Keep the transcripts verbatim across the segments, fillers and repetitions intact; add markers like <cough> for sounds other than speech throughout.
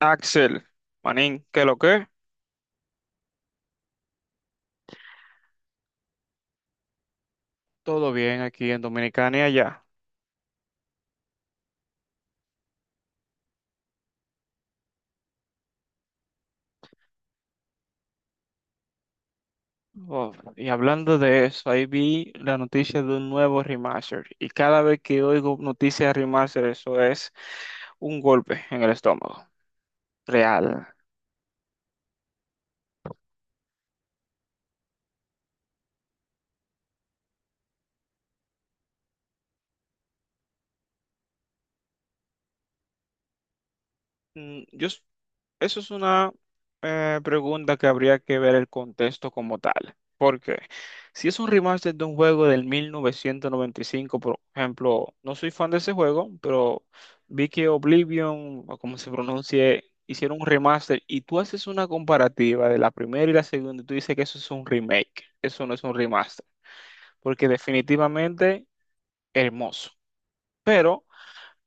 Axel, Manín, ¿qué lo que? Todo bien aquí en Dominicana y allá. Oh, y hablando de eso, ahí vi la noticia de un nuevo remaster. Y cada vez que oigo noticias de remaster, eso es un golpe en el estómago. Real. Mm, Yo, s- Eso es una eh, pregunta que habría que ver el contexto como tal. Porque si es un remaster de un juego del mil novecientos noventa y cinco, por ejemplo, no soy fan de ese juego, pero vi que Oblivion, o como se pronuncie, hicieron un remaster y tú haces una comparativa de la primera y la segunda y tú dices que eso es un remake, eso no es un remaster, porque definitivamente hermoso.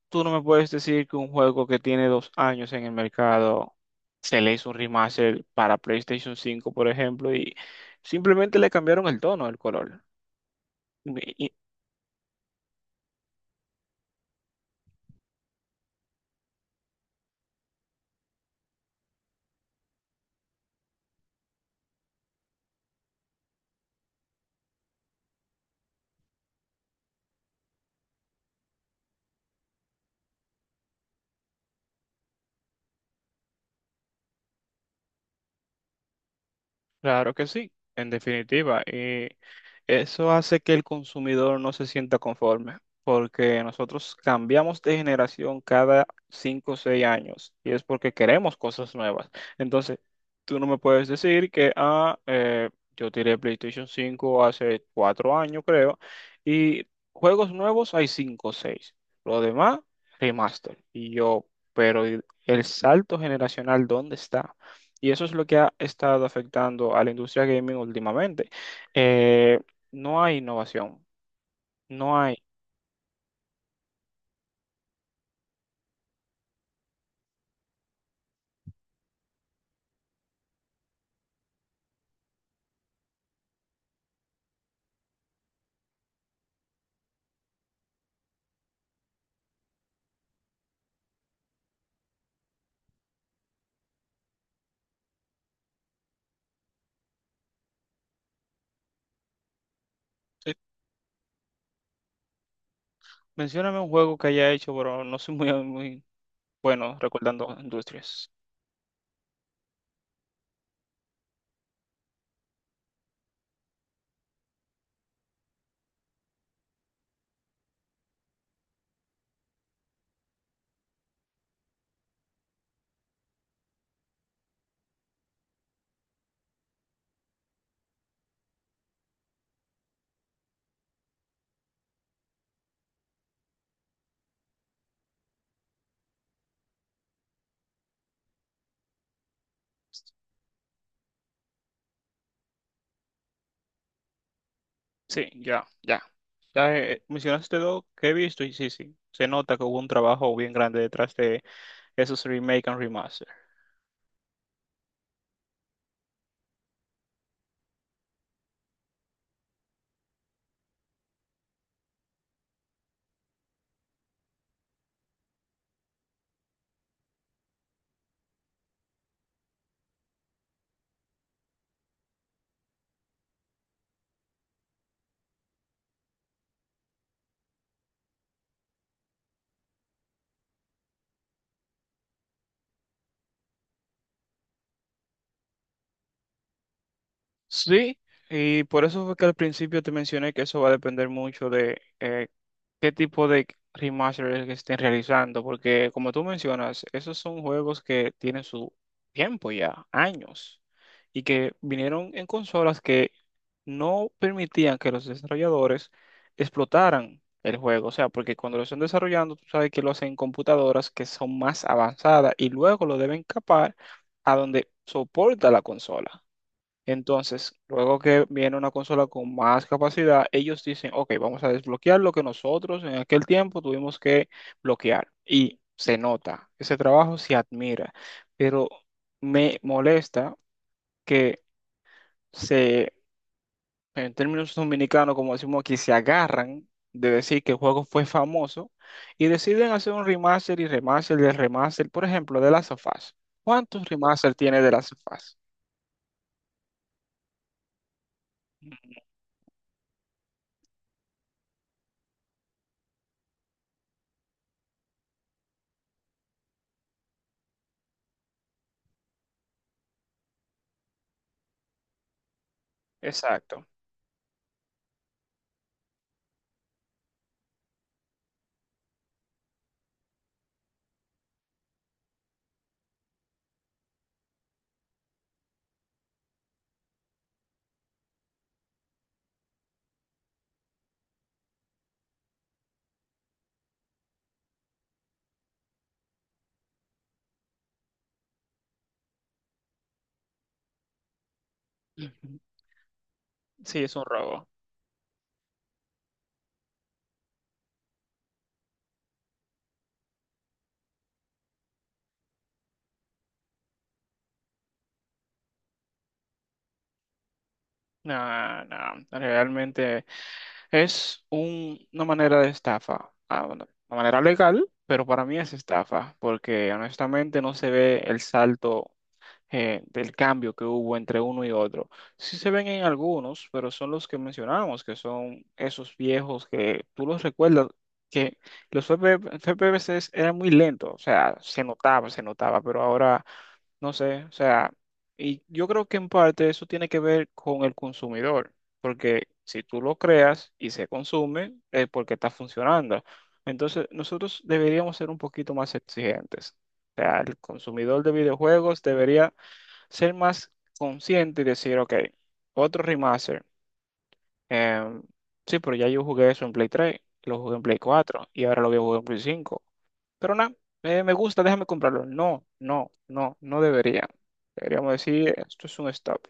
Tú no me puedes decir que un juego que tiene dos años en el mercado se le hizo un remaster para PlayStation cinco, por ejemplo, y simplemente le cambiaron el tono, el color. Claro que sí, en definitiva. Y eso hace que el consumidor no se sienta conforme, porque nosotros cambiamos de generación cada cinco o seis años y es porque queremos cosas nuevas. Entonces, tú no me puedes decir que, ah, eh, yo tiré PlayStation cinco hace cuatro años, creo, y juegos nuevos hay cinco o seis. Lo demás, remaster. Y yo, pero ¿y el salto generacional? ¿Dónde está? Y eso es lo que ha estado afectando a la industria gaming últimamente. Eh, no hay innovación, no hay. Eh, Mencióname un juego que haya hecho, pero no soy muy, <laughs> muy bueno recordando industrias. Sí, ya, ya. Ya eh, mencionaste dos que he visto y sí, sí. Se nota que hubo un trabajo bien grande detrás de esos remake and remaster. Sí, y por eso fue que al principio te mencioné que eso va a depender mucho de eh, qué tipo de remaster es que estén realizando, porque como tú mencionas, esos son juegos que tienen su tiempo ya, años, y que vinieron en consolas que no permitían que los desarrolladores explotaran el juego, o sea, porque cuando lo están desarrollando, tú sabes que lo hacen en computadoras que son más avanzadas y luego lo deben capar a donde soporta la consola. Entonces, luego que viene una consola con más capacidad, ellos dicen, ok, vamos a desbloquear lo que nosotros en aquel tiempo tuvimos que bloquear. Y se nota, ese trabajo se admira, pero me molesta que se, en términos dominicanos, como decimos aquí, se agarran de decir que el juego fue famoso y deciden hacer un remaster y remaster y remaster, por ejemplo, de las of Us. ¿Cuántos remaster tiene de las of Us? Exacto. Ujú. Sí, es un robo. No, no, realmente. Es un- una manera de estafa. Ah, bueno, una manera legal, pero para mí es estafa, porque honestamente no se ve el salto eh, del cambio que hubo entre uno y otro. Sí se ven en algunos, pero son los que mencionamos, que son esos viejos que tú los recuerdas, que los F P V F P F P V C s eran muy lentos, o sea, se notaba, se notaba, pero ahora no sé, o sea, y yo creo que en parte eso tiene que ver con el consumidor, porque si tú lo creas y se consume, es porque está funcionando. Entonces, nosotros deberíamos ser un poquito más exigentes. O sea, el consumidor de videojuegos debería ser más consciente y decir, ok, otro remaster. em, sí, pero ya yo jugué eso en Play tres, lo jugué en Play cuatro y ahora lo voy a jugar en Play cinco. Pero nada, eh, me gusta, déjame comprarlo. No, no, no, no debería. Deberíamos decir, esto es un stop.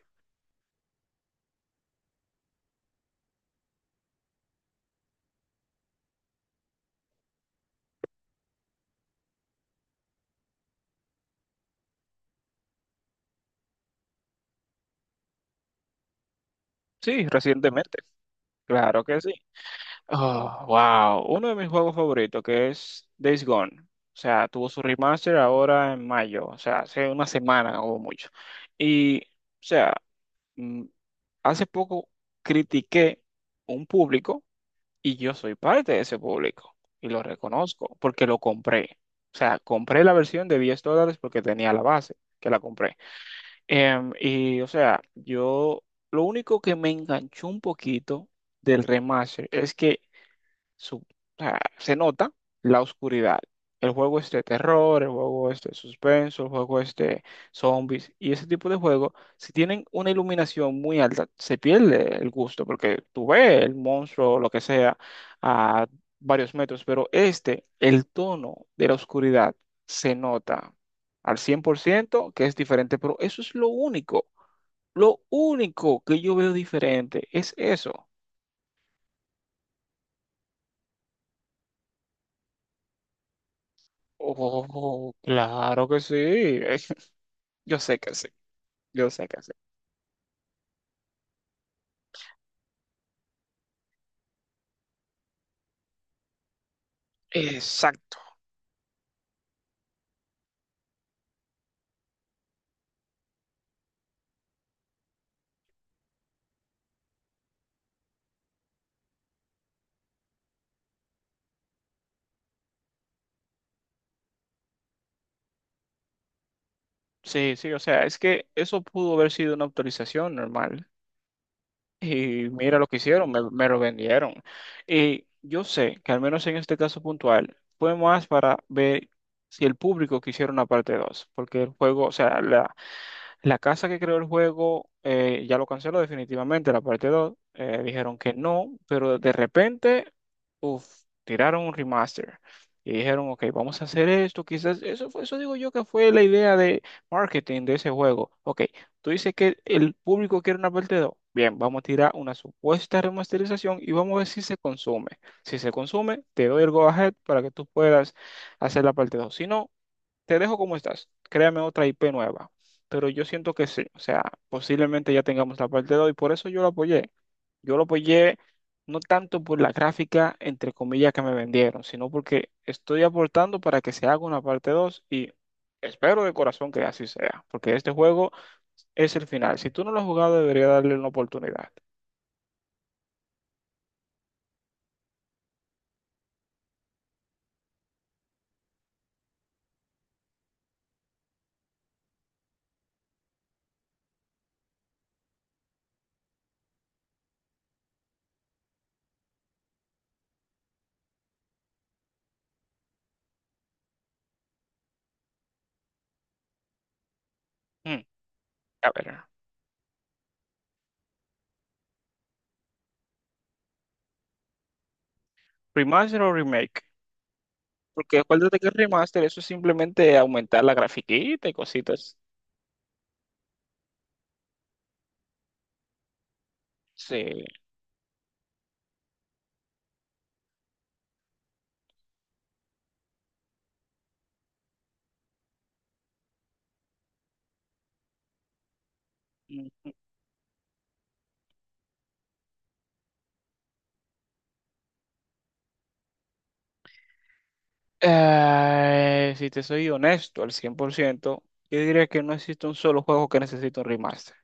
Sí, recientemente. Claro que sí. Oh, wow. Uno de mis juegos favoritos, que es Days Gone. O sea, tuvo su remaster ahora en mayo. O sea, hace una semana o mucho. Y, o sea, mm, hace poco critiqué un público. Y yo soy parte de ese público y lo reconozco porque lo compré. O sea, compré la versión de diez dólares porque tenía la base que la compré. Em, y o sea, yo lo único que me enganchó un poquito del remaster es que su- o sea, se nota la oscuridad. El juego es de terror, el juego es de suspenso, el juego es de zombies y ese tipo de juegos, si tienen una iluminación muy alta, se pierde el gusto porque tú ves el monstruo o lo que sea a varios metros, pero este, el tono de la oscuridad se nota al cien por ciento que es diferente, pero eso es lo único, lo único que yo veo diferente es eso. Oh, claro que sí. Yo sé que sí, yo sé que sí. Exacto. Sí, sí, o sea, es que eso pudo haber sido una autorización normal. Y mira lo que hicieron, me, me lo vendieron. Y yo sé que al menos en este caso puntual fue más para ver si el público quisiera una parte dos porque el juego, o sea, la La casa que creó el juego eh, ya lo canceló definitivamente, la parte dos eh, dijeron que no, pero de repente, uf, tiraron un remaster. Y dijeron, ok, vamos a hacer esto. Quizás eso fue, eso digo yo que fue la idea de marketing de ese juego. Ok, tú dices que el público quiere una parte dos. Bien, vamos a tirar una supuesta remasterización y vamos a ver si se consume. Si se consume, te doy el go ahead para que tú puedas hacer la parte dos. Si no, te dejo como estás, créame otra I P nueva, pero yo siento que sí, o sea, posiblemente ya tengamos la parte dos y por eso yo lo apoyé. Yo lo apoyé no tanto por la gráfica, entre comillas, que me vendieron, sino porque estoy aportando para que se haga una parte dos y espero de corazón que así sea, porque este juego es el final. Si tú no lo has jugado, debería darle una oportunidad. Mm, a ver, remaster o remake, porque acuérdate que el remaster eso es simplemente aumentar la grafiquita y cositas. Sí. Eh, si te soy honesto al cien por ciento, yo diría que no existe un solo juego que necesite un remaster.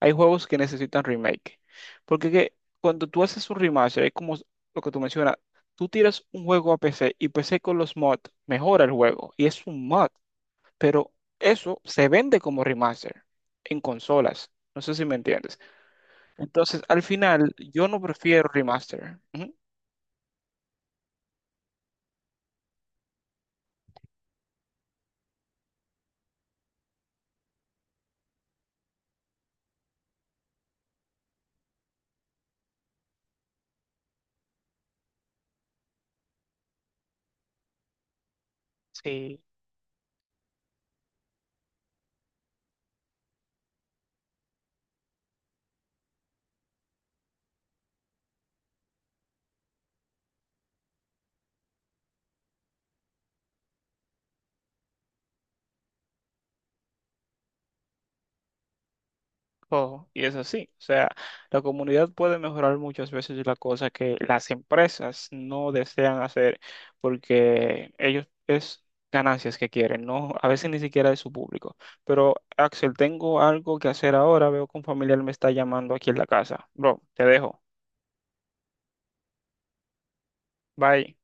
Hay juegos que necesitan remake. Porque que cuando tú haces un remaster, es como lo que tú mencionas, tú tiras un juego a P C y P C con los mods mejora el juego y es un mod, pero eso se vende como remaster en consolas. No sé si me entiendes. Entonces, al final, yo no prefiero remaster. Ujú. Sí, todo, y es así. O sea, la comunidad puede mejorar muchas veces la cosa que las empresas no desean hacer porque ellos es ganancias que quieren, ¿no? A veces ni siquiera de su público. Pero Axel, tengo algo que hacer ahora, veo que un familiar me está llamando aquí en la casa. Bro, te dejo. Bye.